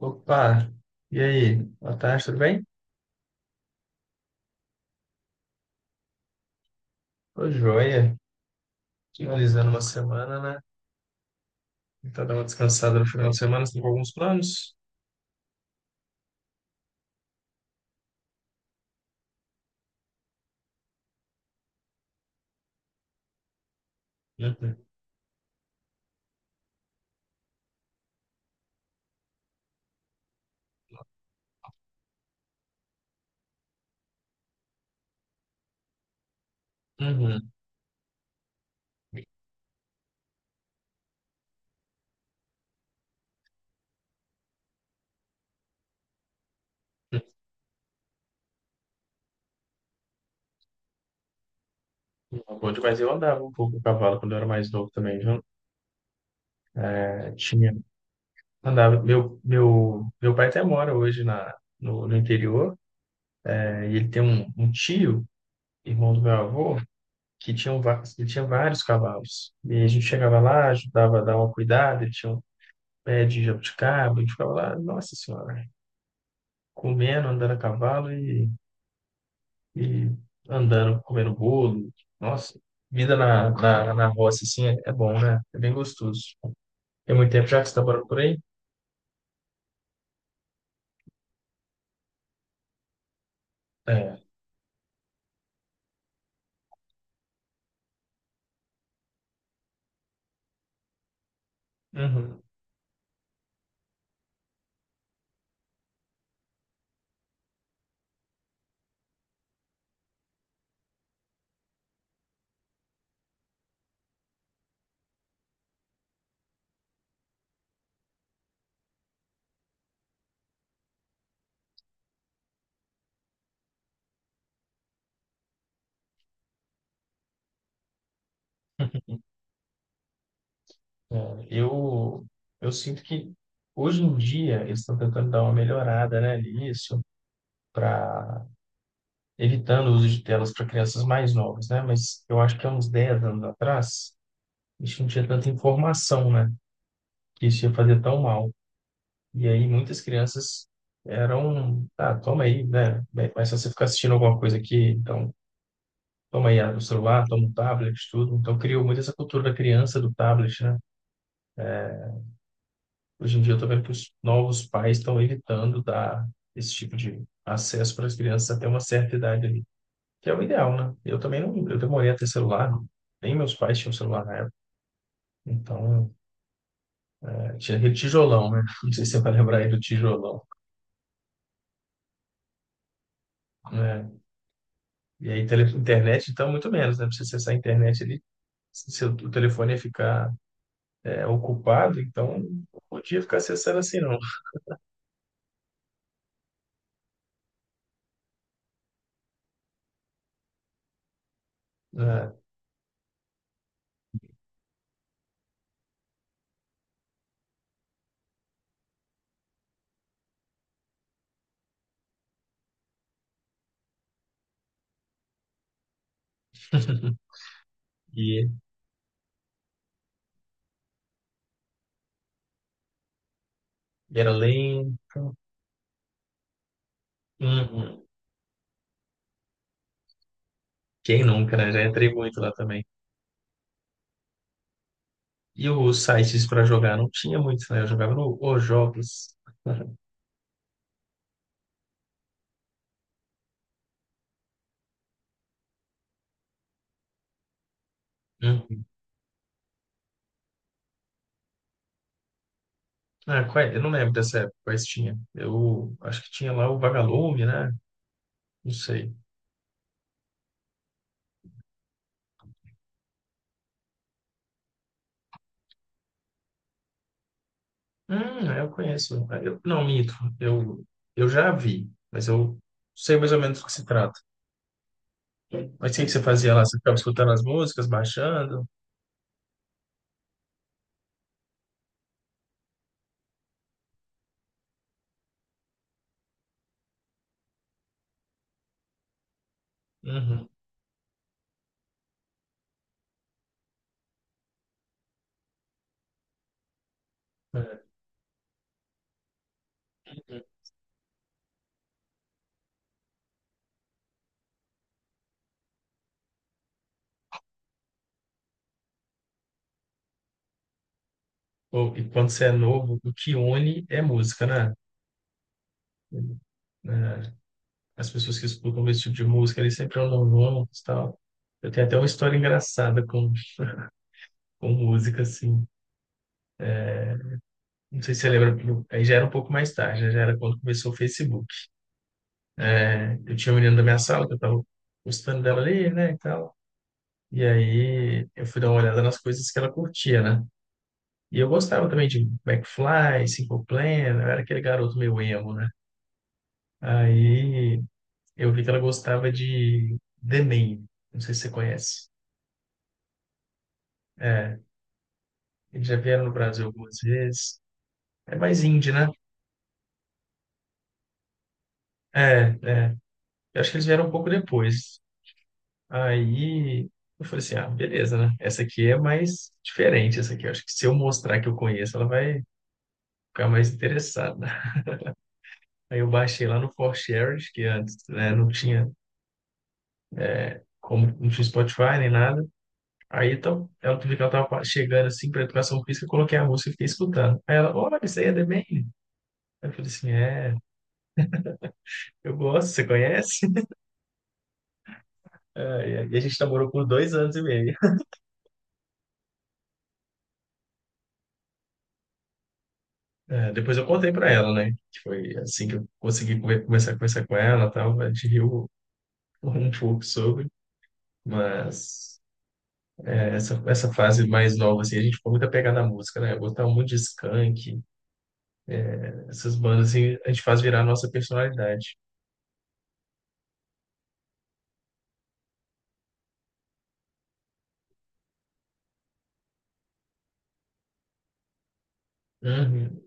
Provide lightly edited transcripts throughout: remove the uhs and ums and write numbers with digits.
Opa, e aí? Boa tarde, tudo bem? Tô joia. Finalizando uma semana, né? Tentar dar uma descansada no final de semana, você tem alguns planos? Uhum. Uhum. Bom demais, eu andava um pouco com o cavalo quando eu era mais novo também, viu? É, tinha. Andava. Meu pai até mora hoje na, no interior, né? E ele tem um tio, irmão do meu avô, que tinha, um, ele tinha vários cavalos. E a gente chegava lá, ajudava a dar uma cuidada, ele tinha um pé de jabuticaba, a gente ficava lá, nossa senhora, comendo, andando a cavalo e andando, comendo bolo. Nossa, vida na roça, assim, é bom, né? É bem gostoso. Tem muito tempo já que você está morando por aí? É. Uhum. É. Eu sinto que hoje em dia eles estão tentando dar uma melhorada, né, nisso, para evitando o uso de telas para crianças mais novas, né? Mas eu acho que há uns 10 anos atrás, a gente não tinha tanta informação, né? Que isso ia fazer tão mal. E aí muitas crianças eram, ah, toma aí, né? Bem, mas se você ficar assistindo alguma coisa aqui, então toma aí, abre o celular, toma o tablet, tudo. Então criou muito essa cultura da criança do tablet, né? Hoje em dia eu tô vendo que os novos pais estão evitando dar esse tipo de acesso para as crianças até uma certa idade ali, que é o ideal, né? Eu também não, eu demorei a ter celular, nem meus pais tinham celular na época. Então, é, tinha aquele tijolão, né? Não sei se você vai lembrar aí do tijolão, né? E aí, internet, então, muito menos, né? Pra você acessar a internet, ele se seu o telefone ia ficar, é, ocupado, então não podia ficar acessando assim, não. Né? E, e era lento. Uhum. Quem nunca, né? Já entrei muito lá também. E os sites para jogar não tinha muitos, né? Eu jogava no Os Jogos. Uhum. Ah, qual é? Eu não lembro dessa época, quais tinha. Eu acho que tinha lá o Vagalume, né? Não sei. Eu conheço. Ah, eu, não, minto. Eu, eu já vi, mas eu sei mais ou menos do que se trata. Mas o que que você fazia lá? Você ficava escutando as músicas, baixando? Uhum. É. Pô, e quando você é novo, o que une é música, né? Né? As pessoas que escutam esse tipo de música, eles sempre andam novos e tal. Eu tenho até uma história engraçada com música, assim. Não sei se você lembra, porque aí já era um pouco mais tarde, né? Já era quando começou o Facebook. Né? Eu tinha um menino da minha sala, que eu tava gostando dela ali, né, e tal. E aí eu fui dar uma olhada nas coisas que ela curtia, né? E eu gostava também de McFly, Simple Plan, eu era aquele garoto meio emo, né? Aí eu vi que ela gostava de The Name, não sei se você conhece. É, eles já vieram no Brasil algumas vezes. É mais indie, né? É, é. Eu acho que eles vieram um pouco depois. Aí eu falei assim, ah, beleza, né? Essa aqui é mais diferente, essa aqui. Eu acho que se eu mostrar que eu conheço, ela vai ficar mais interessada. Aí eu baixei lá no ForShare, que antes, né, não tinha como, não tinha Spotify nem nada. Aí então, ela outro dia que ela tava chegando assim para educação física, eu coloquei a música e fiquei escutando. Aí ela, olha, isso aí é The Maine. Eu falei assim, é, eu gosto, você conhece? E a gente namorou por dois anos e meio. É, depois eu contei para ela, né? Que foi assim que eu consegui começar a conversar com ela, e tal, a gente riu um pouco sobre, mas é, essa fase mais nova, assim, a gente ficou muito apegado à música, né? Eu gostava muito de Skank, essas bandas, assim, a gente faz virar a nossa personalidade. Uhum.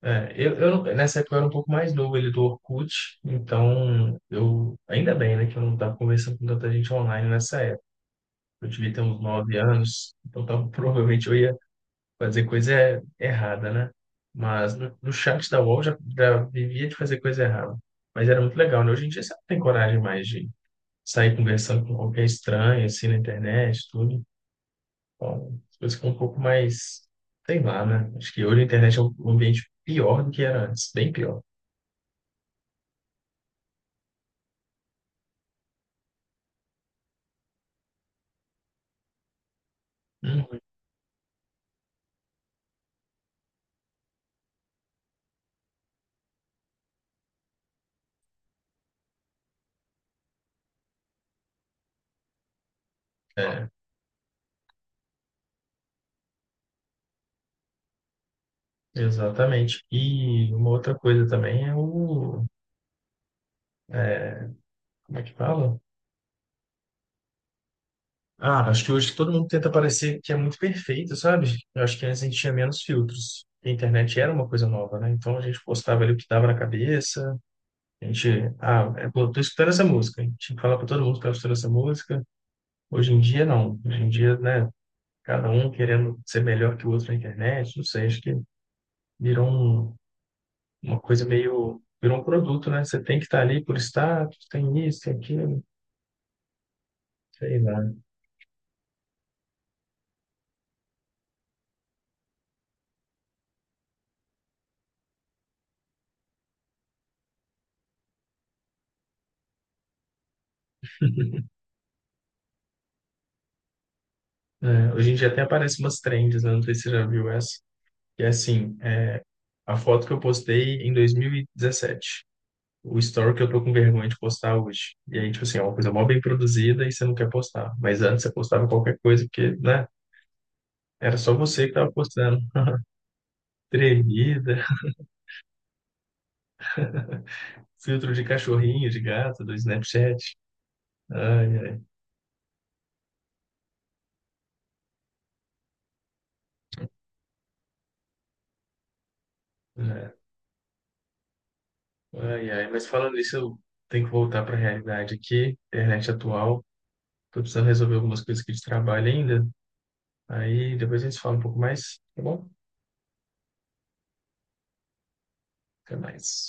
É, nessa época eu era um pouco mais novo, ele é do Orkut, então eu, ainda bem, né, que eu não estava conversando com tanta gente online nessa época. Eu devia ter uns nove anos, então tava, provavelmente eu ia fazer coisa errada, né? Mas no, no chat da UOL já, já vivia de fazer coisa errada. Mas era muito legal, né? Hoje em dia você não tem coragem mais de sair conversando com qualquer estranho, assim, na internet, tudo. Então, as coisas ficam um pouco mais, sei lá, né? Acho que hoje a internet é um um ambiente pior do que era antes, bem pior. Hum. É, exatamente. E uma outra coisa também é o, é, como é que fala? Ah, acho que hoje todo mundo tenta parecer que é muito perfeito, sabe? Eu acho que antes a gente tinha menos filtros. A internet era uma coisa nova, né? Então a gente postava ali o que dava na cabeça. A gente, ah, é, pô, tô escutando essa música. A gente tinha que falar para todo mundo que tava escutando essa música. Hoje em dia, não. Hoje em dia, né? Cada um querendo ser melhor que o outro na internet. Não sei, acho que virou um, uma coisa meio, virou um produto, né? Você tem que estar ali por status, tem isso, tem aquilo, sei lá. É, hoje em dia até aparecem umas trends, né? Não sei se você já viu essa. E é assim, é, a foto que eu postei em 2017. O story que eu tô com vergonha de postar hoje. E aí, tipo assim, é uma coisa mó bem produzida e você não quer postar. Mas antes você postava qualquer coisa, porque, né? Era só você que tava postando. Tremida, filtro de cachorrinho, de gato, do Snapchat. Ai, ai. Né? Ai, ai, mas falando nisso, eu tenho que voltar para a realidade aqui, internet atual. Tô precisando resolver algumas coisas aqui de trabalho ainda. Aí depois a gente fala um pouco mais, tá bom? Até mais.